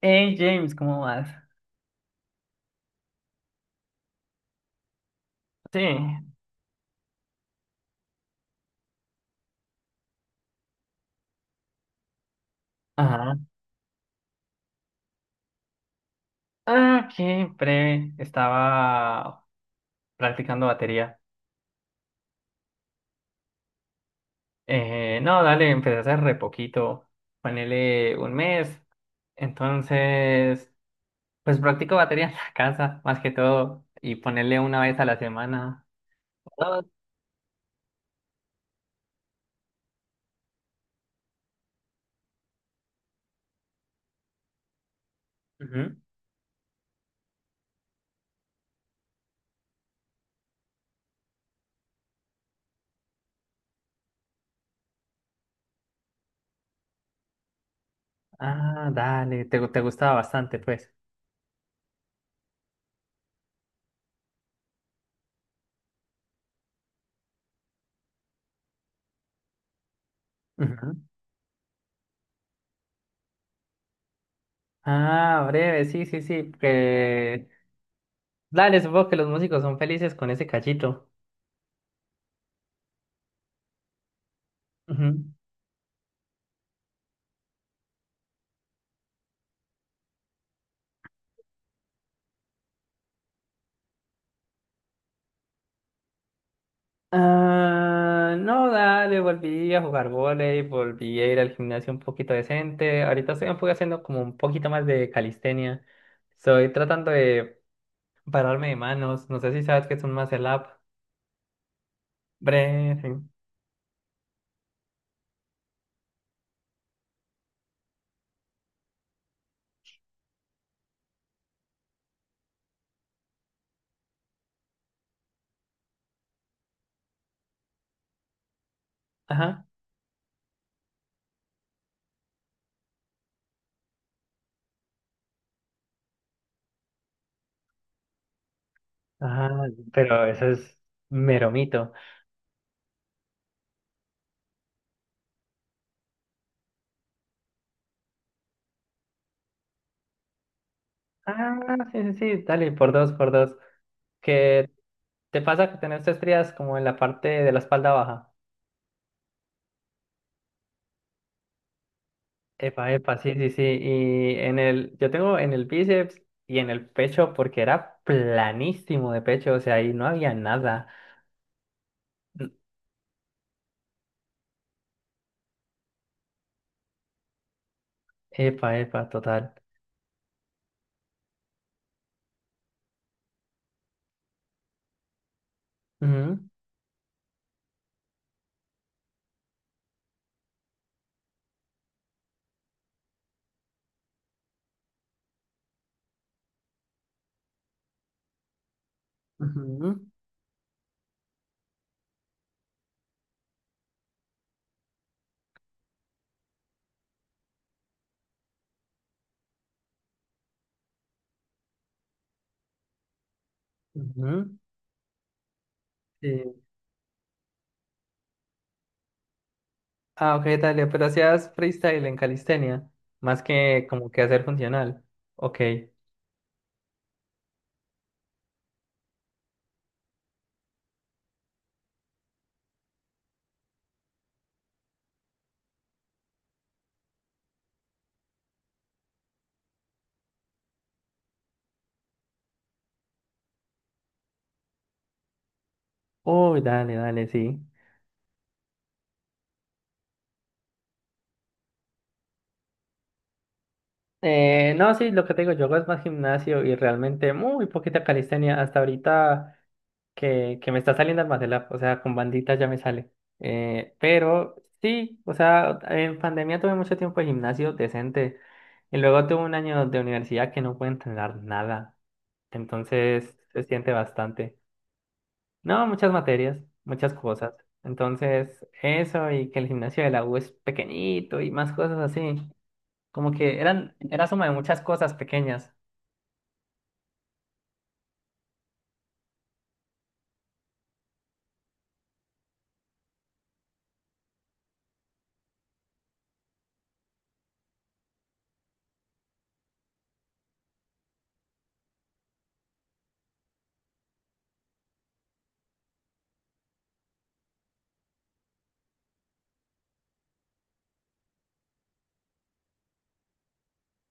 Hey James, ¿cómo vas? Sí, ajá. Ah, qué breve. Estaba practicando batería. No, dale, empecé a hacer re poquito. Ponele un mes. Entonces, pues practico batería en la casa, más que todo. Y ponerle una vez a la semana. Dos. Ujú. Ah, dale, te gustaba bastante, pues. Ujú. Ah, breve, sí, sí, sí. Que... Dale, supongo que los músicos son felices con ese cachito. Ujú. Ah, no, dale, volví a jugar vóley, volví a ir al gimnasio un poquito decente. Ahorita estoy un poco haciendo como un poquito más de calistenia. Estoy tratando de pararme de manos. No sé si sabes que es un muscle up. Breathing. Ajá. Ajá, pero eso es mero mito. Ah, sí, sí, sí, dale, por dos, por dos. ¿Qué te pasa que tenés estrías como en la parte de la espalda baja? Epa, epa, sí, sí, sí. Y en yo tengo en el bíceps y en el pecho porque era planísimo de pecho, o sea, ahí no había nada. N- Epa, epa, total. Ujú, ujú, ujú, sí. Ah, ok, dale, pero hacías freestyle en calistenia, más que como que hacer funcional. Ok. Uy, dale, dale, sí. No, sí, lo que te digo, yo hago es más gimnasio y realmente muy poquita calistenia. Hasta ahorita. Que, me está saliendo Almacelab, o sea, con bandita ya me sale. Pero sí, o sea, en pandemia tuve mucho tiempo de gimnasio decente y luego tuve un año de universidad que no pude entrenar nada, entonces se siente bastante. No, muchas materias, muchas cosas. Entonces, eso y que el gimnasio de la U es pequeñito y más cosas así, como que era suma de muchas cosas pequeñas.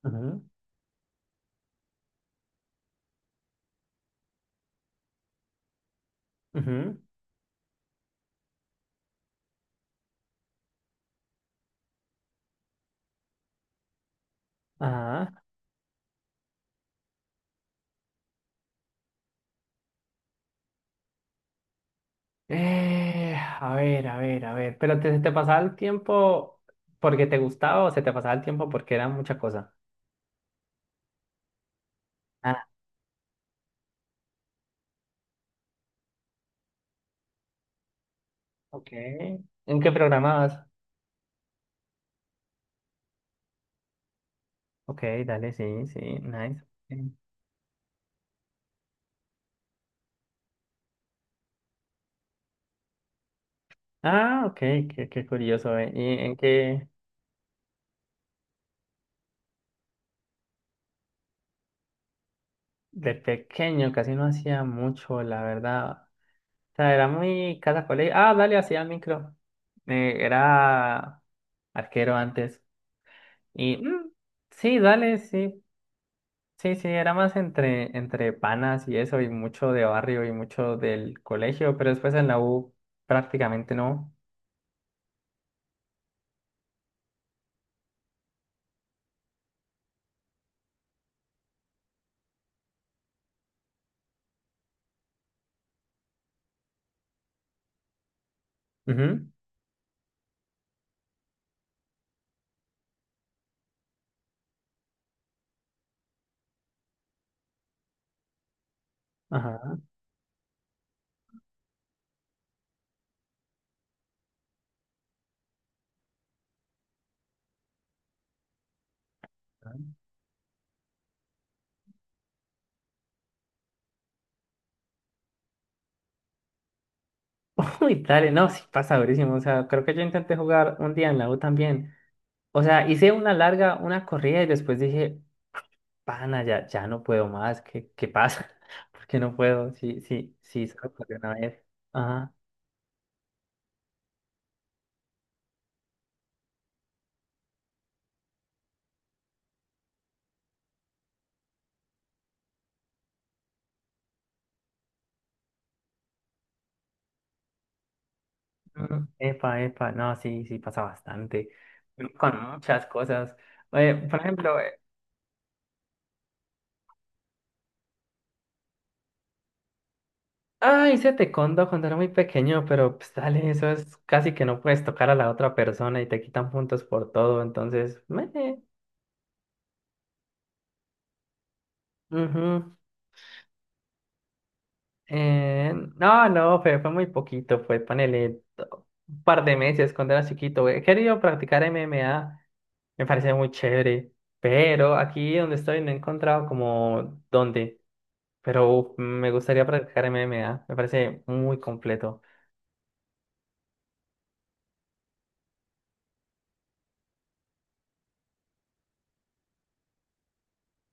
Ujú. Ujú. Ajá. A ver, a ver, a ver. ¿Pero se te pasaba el tiempo porque te gustaba o se te pasaba el tiempo porque era mucha cosa? Ah, ok. ¿En qué programabas? Ok, dale, sí, sí, nice. Ok. Ah, ok, qué curioso, eh. ¿Y en qué? De pequeño casi no hacía mucho, la verdad. O sea, era muy cada colegio. Ah, dale, hacía micro. Era arquero antes. Y mm, sí, dale, sí. Sí, sí, era más entre panas y eso, y mucho de barrio y mucho del colegio, pero después en la U prácticamente no. Ujú. Ajá. Uy, dale, no, sí pasa durísimo. O sea, creo que yo intenté jugar un día en la U también. O sea, hice una larga, una corrida y después dije, pana, ya, ya no puedo más. ¿Qué, qué pasa? ¿Por qué no puedo? Sí, sí, sí, solo corrí una vez. Ajá. Mm. Epa, epa, no, sí, sí pasa bastante. Con muchas cosas. Por ejemplo, ah, hice taekwondo cuando era muy pequeño, pero pues dale, eso es casi que no puedes tocar a la otra persona y te quitan puntos por todo, entonces, meh, ujú. No, fue muy poquito, fue un par de meses cuando era chiquito. He querido practicar MMA, me parece muy chévere, pero aquí donde estoy no he encontrado como dónde, pero uf, me gustaría practicar MMA, me parece muy completo.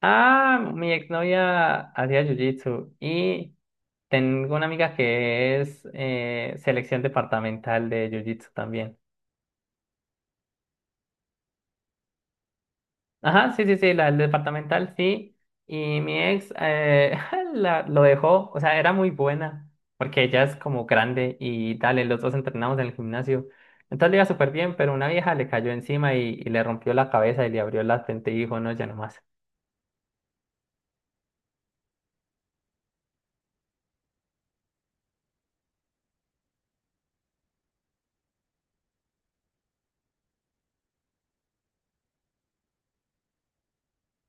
Ah, mi exnovia hacía jiu-jitsu y tengo una amiga que es selección departamental de Jiu-Jitsu también. Ajá, sí, sí, sí, la del departamental, sí. Y mi ex lo dejó, o sea, era muy buena, porque ella es como grande y dale, los dos entrenamos en el gimnasio. Entonces le iba súper bien, pero una vieja le cayó encima y le rompió la cabeza y le abrió la frente y dijo, no, ya no más.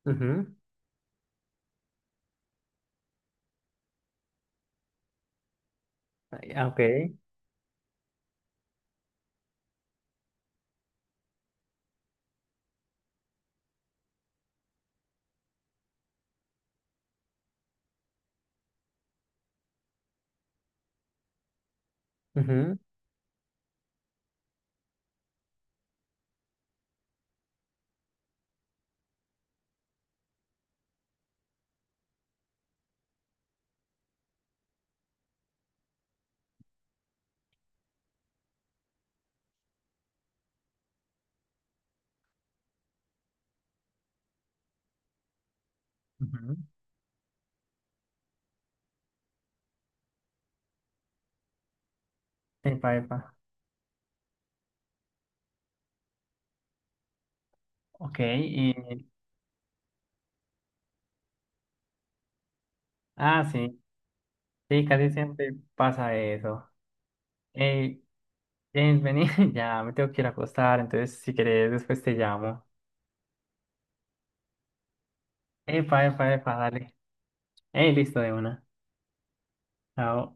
Ujú. Ay, ah, ok. Ujú. Ujú. Epa, epa. Ok, y... Ah, sí, sí, casi siempre pasa eso. Hey, James, vení, ya me tengo que ir a acostar, entonces si querés después te llamo. Epa, epa, epa, dale. Hey, listo de una. Chao.